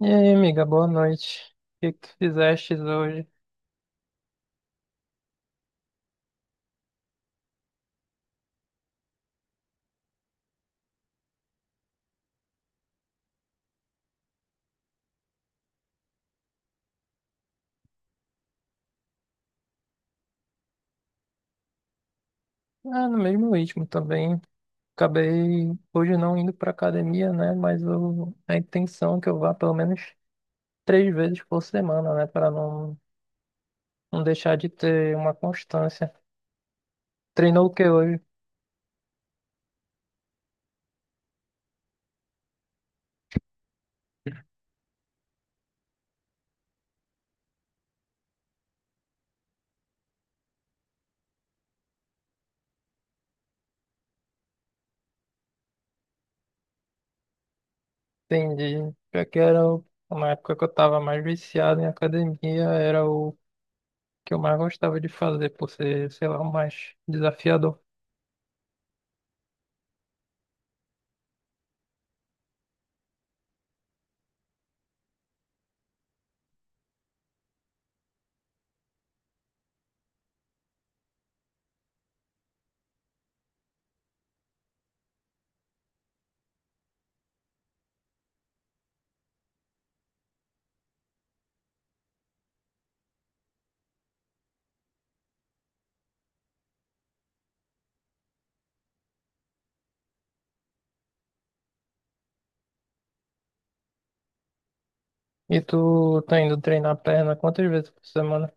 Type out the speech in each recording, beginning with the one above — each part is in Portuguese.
E aí, amiga, boa noite. O que que fizeste hoje? Ah, no mesmo ritmo também. Acabei hoje não indo pra academia, né? Mas a intenção é que eu vá pelo menos três vezes por semana, né? Para não deixar de ter uma constância. Treinou o que hoje? Entendi. Já que era uma época que eu tava mais viciado em academia, era o que eu mais gostava de fazer, por ser, sei lá, o mais desafiador. E tu tá indo treinar perna quantas vezes por semana?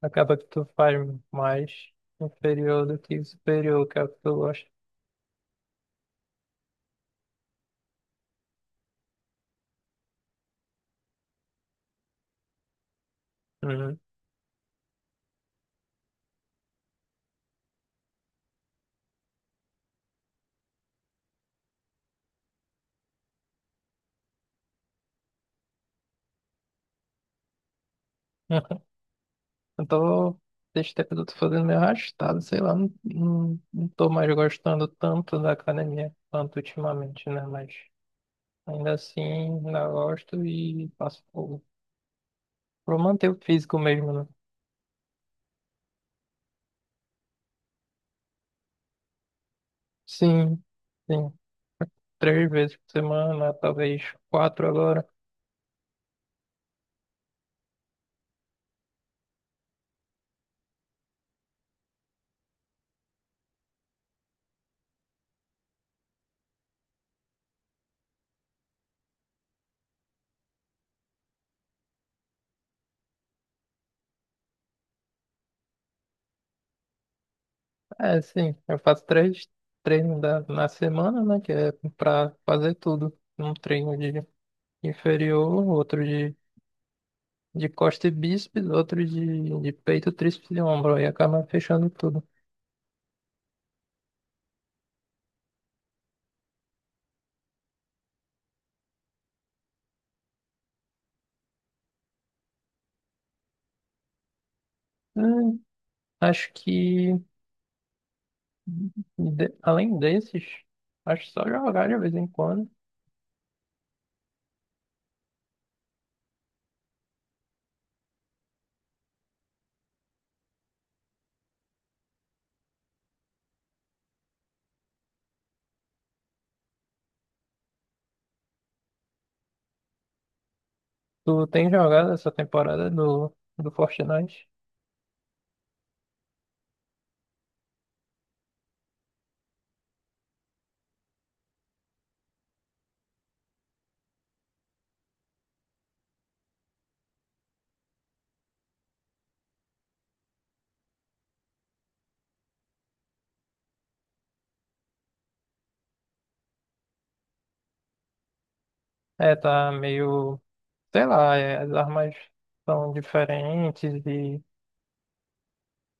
Acaba que tu faz mais inferior do que superior, que é o que tu gosta. Uhum. Eu tô, desde tempo eu tô fazendo meio arrastado, sei lá, não tô mais gostando tanto da academia quanto ultimamente, né? Mas ainda assim, ainda gosto e faço por manter o físico mesmo, né? Sim, sim, três vezes por semana, talvez quatro agora. É, sim, eu faço três treinos na semana, né? Que é pra fazer tudo. Um treino de inferior, outro de costa e bíceps, outro de peito, tríceps e ombro. Aí acaba fechando tudo. Hum, acho que, além desses, acho que só jogar de vez em quando. Tu tem jogado essa temporada do Fortnite? É, tá meio, sei lá, é, as armas são diferentes.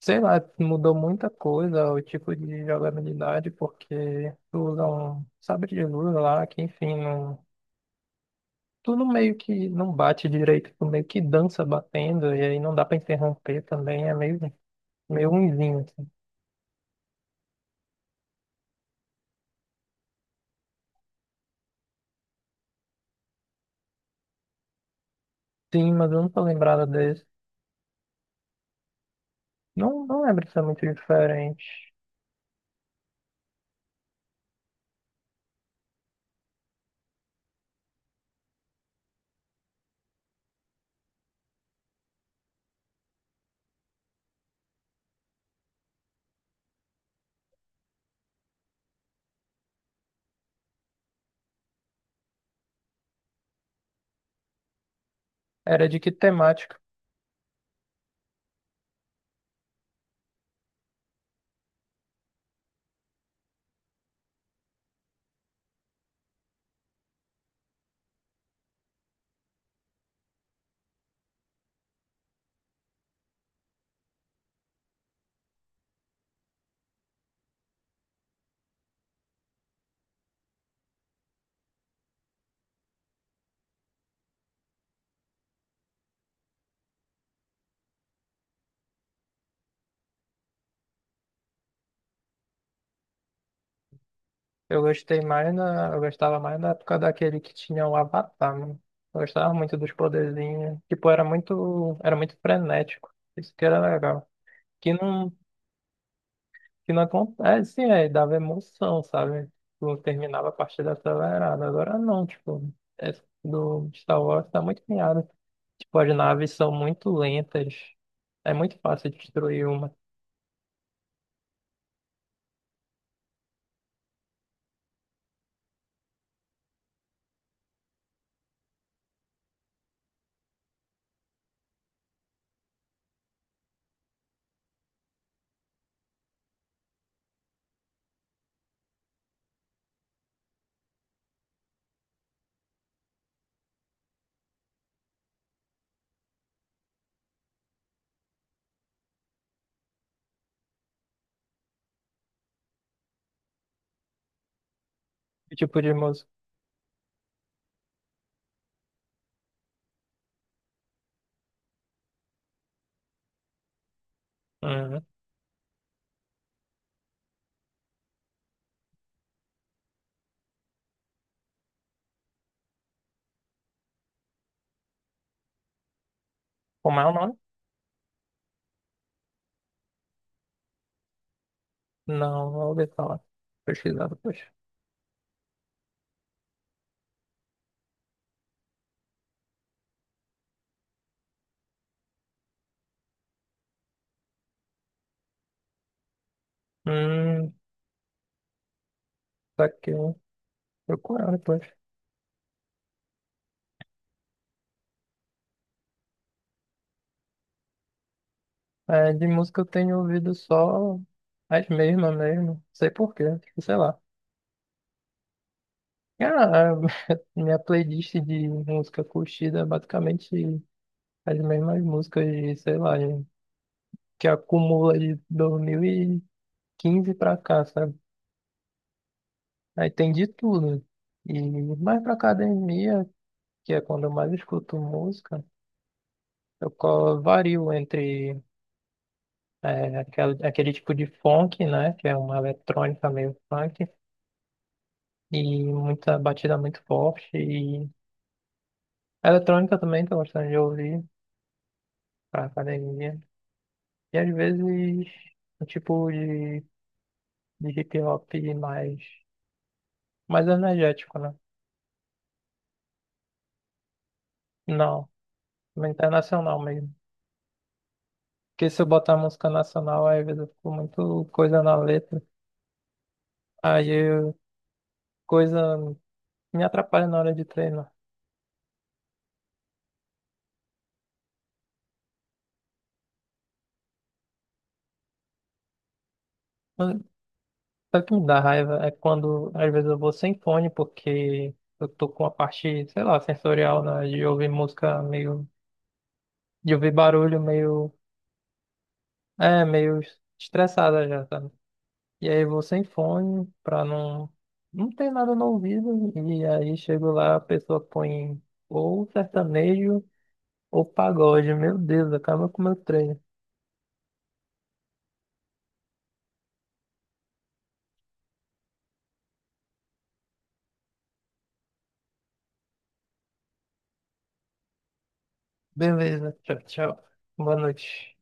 Sei lá, mudou muita coisa, o tipo de jogabilidade, porque tu usa um sabre de luz lá, que enfim, não, tu não, meio que não bate direito, tu meio que dança batendo, e aí não dá pra interromper também, é meio, meio ruimzinho, assim. Sim, mas eu não tô lembrado desse. Não, não lembro se é muito diferente. Era de que temática? Eu gostei mais na, eu gostava mais na época daquele que tinha o Avatar, mano. Eu gostava muito dos poderzinhos. Tipo, era muito frenético. Isso que era legal. que não, que não acontece, é, dava emoção, sabe? Tu terminava a partida acelerada. Agora não, tipo, é, do Star Wars tá muito piada. Tipo, as naves são muito lentas. É muito fácil destruir uma. Que tipo de música? Uhum. Como é o nome? Não, não ouvi falar. Pesquisar depois. Hum, tá aqui, eu procurando depois. É, de música eu tenho ouvido só as mesmas mesmo. Sei por quê, tipo, sei lá. Cara, minha playlist de música curtida é basicamente as mesmas músicas, de, sei lá, que acumula de 2015 pra cá, sabe? Aí tem de tudo. E mais pra academia, que é quando eu mais escuto música, eu vario entre é, aquele tipo de funk, né? Que é uma eletrônica meio funk, e muita batida muito forte. E eletrônica também, tô gostando de ouvir pra academia. E às vezes um tipo de hip hop mais energético, né? Não, internacional mesmo. Porque se eu botar música nacional, aí, às vezes eu fico muito coisa na letra. Aí eu, coisa me atrapalha na hora de treinar. Mas sabe o que me dá raiva? É quando às vezes eu vou sem fone porque eu tô com a parte, sei lá, sensorial, né? De ouvir música meio, de ouvir barulho meio, é, meio estressada já, sabe? E aí eu vou sem fone pra não. Não ter nada no ouvido. E aí chego lá, a pessoa põe ou sertanejo ou pagode. Meu Deus, acaba com o meu treino. Beleza, tchau, tchau. Boa noite.